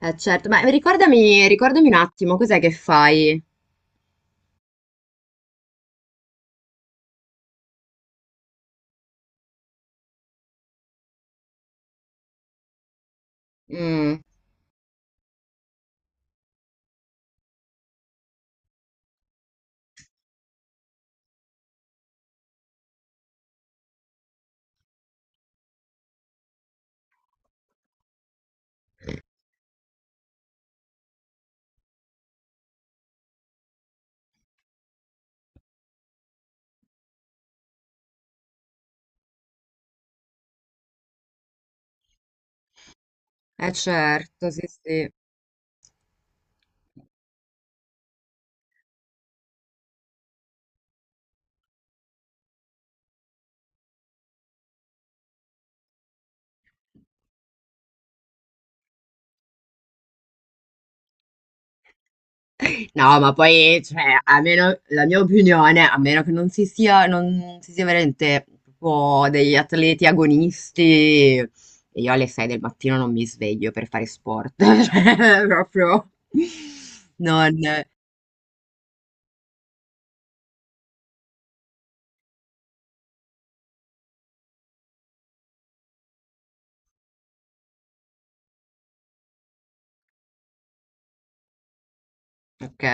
Eh certo, ma ricordami un attimo, cos'è che fai? Mm, eh certo, sì sì. No, ma poi, cioè, a meno, la mia opinione, a meno che non si sia veramente proprio degli atleti agonisti, e io alle 6 del mattino non mi sveglio per fare sport, cioè, proprio non. Ok.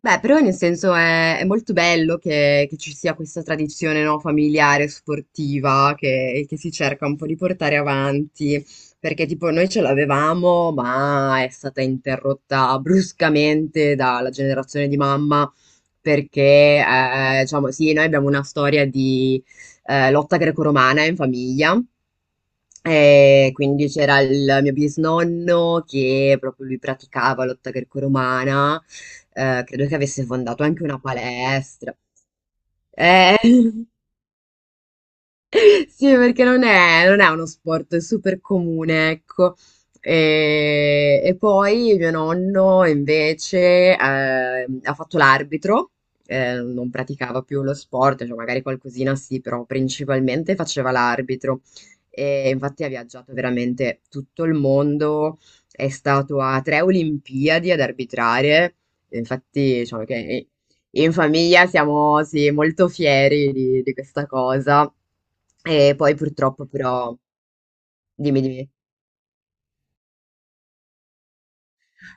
Beh, però nel senso è molto bello che, ci sia questa tradizione, no, familiare, sportiva, che si cerca un po' di portare avanti, perché tipo noi ce l'avevamo, ma è stata interrotta bruscamente dalla generazione di mamma, perché, diciamo, sì, noi abbiamo una storia di lotta greco-romana in famiglia. E quindi c'era il mio bisnonno che proprio lui praticava lotta greco-romana, credo che avesse fondato anche una palestra. Eh, sì, perché non è uno sport è super comune, ecco. E poi mio nonno invece ha fatto l'arbitro, non praticava più lo sport, cioè magari qualcosina sì, però principalmente faceva l'arbitro. E infatti ha viaggiato veramente tutto il mondo, è stato a tre Olimpiadi ad arbitrare. Infatti, diciamo che in famiglia siamo sì, molto fieri di questa cosa. E poi purtroppo però, dimmi, dimmi.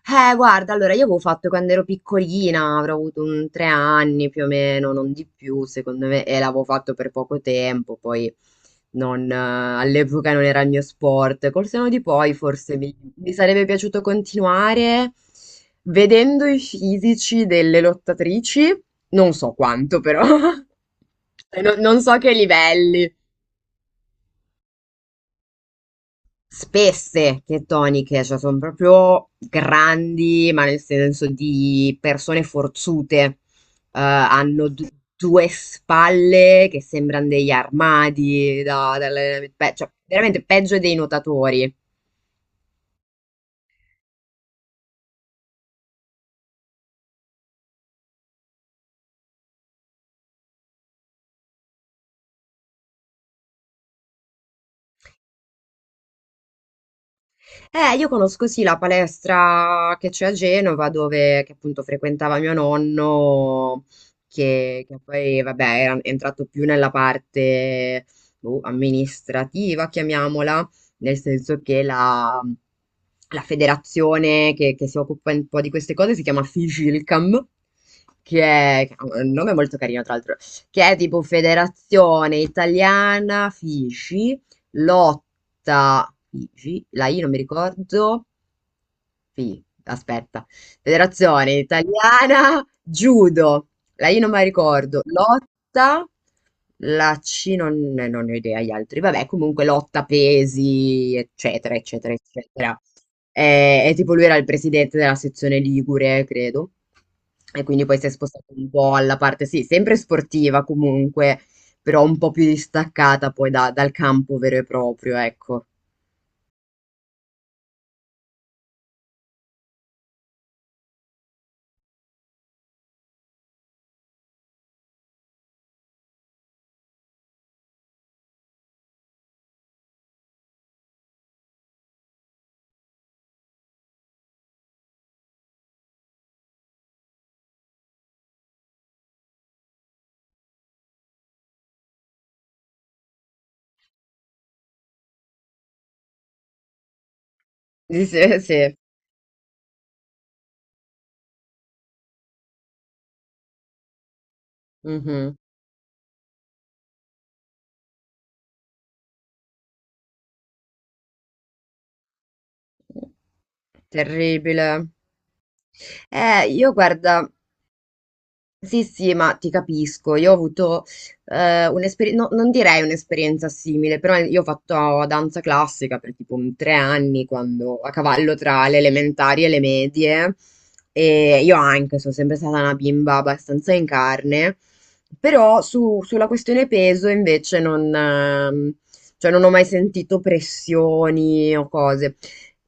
Guarda, allora io avevo fatto quando ero piccolina, avrò avuto un 3 anni più o meno, non di più, secondo me, e l'avevo fatto per poco tempo, poi non, all'epoca non era il mio sport. Col seno di poi forse mi sarebbe piaciuto continuare vedendo i fisici delle lottatrici, non so quanto però. E non so che livelli. Spesse che toniche, cioè sono proprio grandi, ma nel senso di persone forzute. Hanno due spalle che sembrano degli armadi dall'allenamento, cioè veramente peggio dei nuotatori. Io conosco sì la palestra che c'è a Genova, dove che appunto frequentava mio nonno, che poi vabbè era entrato più nella parte boh, amministrativa, chiamiamola, nel senso che la, federazione che si occupa un po' di queste cose si chiama Figilcam, che che ha un nome molto carino tra l'altro, che è tipo Federazione Italiana Fici lotta Figi, la I non mi ricordo, sì, aspetta. Federazione Italiana Judo. La I non me la ricordo. Lotta. La C non ne ho idea gli altri. Vabbè, comunque lotta pesi, eccetera, eccetera, eccetera. E tipo lui era il presidente della sezione Ligure, credo. E quindi poi si è spostato un po' alla parte, sì, sempre sportiva comunque, però un po' più distaccata poi dal campo vero e proprio, ecco. Sì, sì, sì. Mhm. Terribile. Io guarda, sì, sì, ma ti capisco, io ho avuto un'esperienza, non direi un'esperienza simile, però io ho fatto danza classica per tipo un 3 anni, quando a cavallo tra le elementari e le medie, e io anche sono sempre stata una bimba abbastanza in carne, però sulla questione peso invece non, cioè non ho mai sentito pressioni o cose.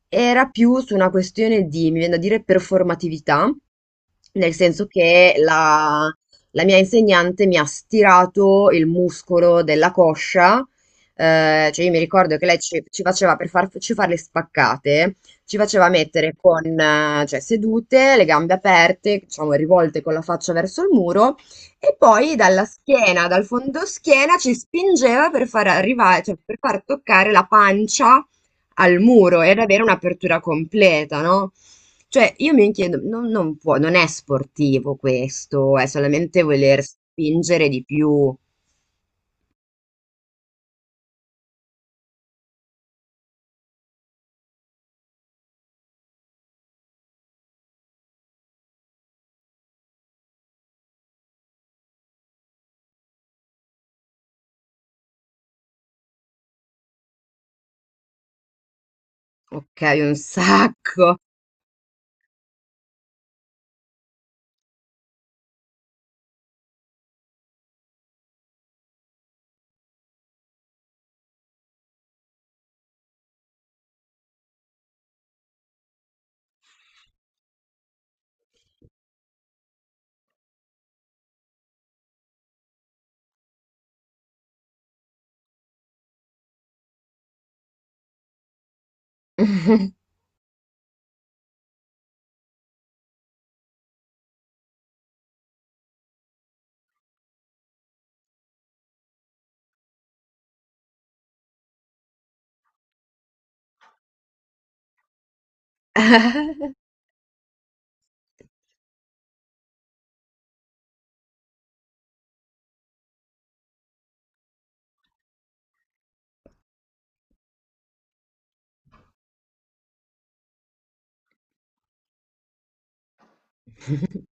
Era più su una questione di, mi viene da dire, performatività, nel senso che la, mia insegnante mi ha stirato il muscolo della coscia, cioè io mi ricordo che lei ci faceva per farci fare le spaccate, ci faceva mettere con, cioè, sedute, le gambe aperte, diciamo rivolte con la faccia verso il muro e poi dalla schiena, dal fondoschiena ci spingeva per far arrivare, cioè per far toccare la pancia al muro ed avere un'apertura completa, no? Cioè, io mi chiedo, non può, non è sportivo questo, è solamente voler spingere di più. Ok, un sacco.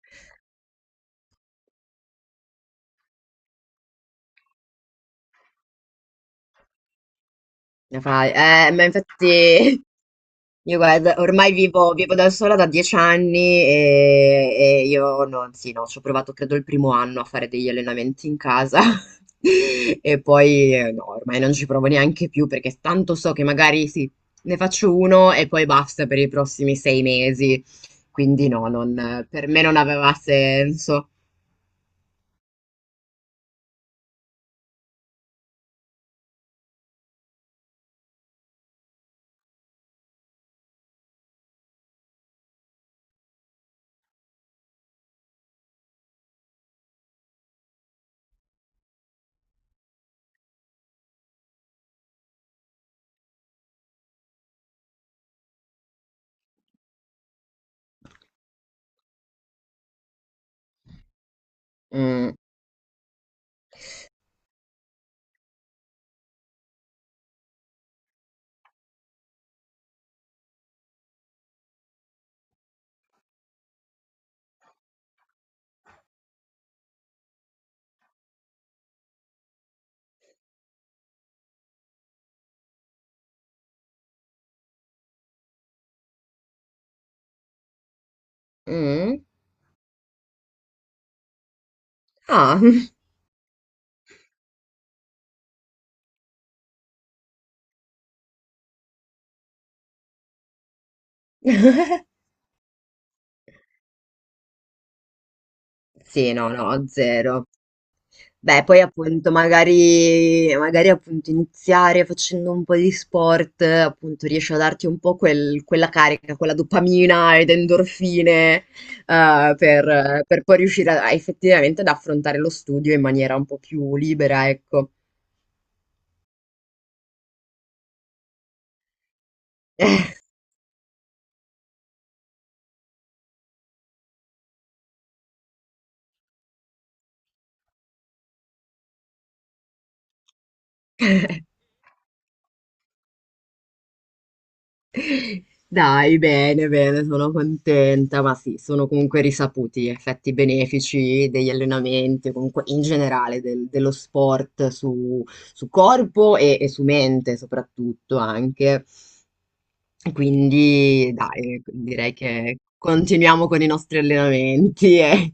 Ne fai. Ma infatti io guarda, ormai vivo da sola da 10 anni e io non, sì, no, ci ho provato credo il primo anno a fare degli allenamenti in casa. E poi no, ormai non ci provo neanche più perché tanto so che magari sì, ne faccio uno e poi basta per i prossimi 6 mesi. Quindi no, per me non aveva senso. Mm, mm. Ah. Sì, no, no, zero. Beh, poi appunto magari appunto iniziare facendo un po' di sport, appunto riesce a darti un po' quella carica, quella dopamina ed endorfine, per poi riuscire a effettivamente ad affrontare lo studio in maniera un po' più libera, ecco. Dai, bene, bene, sono contenta, ma sì, sono comunque risaputi gli effetti benefici degli allenamenti, comunque in generale dello sport su, corpo e su mente soprattutto anche. Quindi, dai, direi che continuiamo con i nostri allenamenti e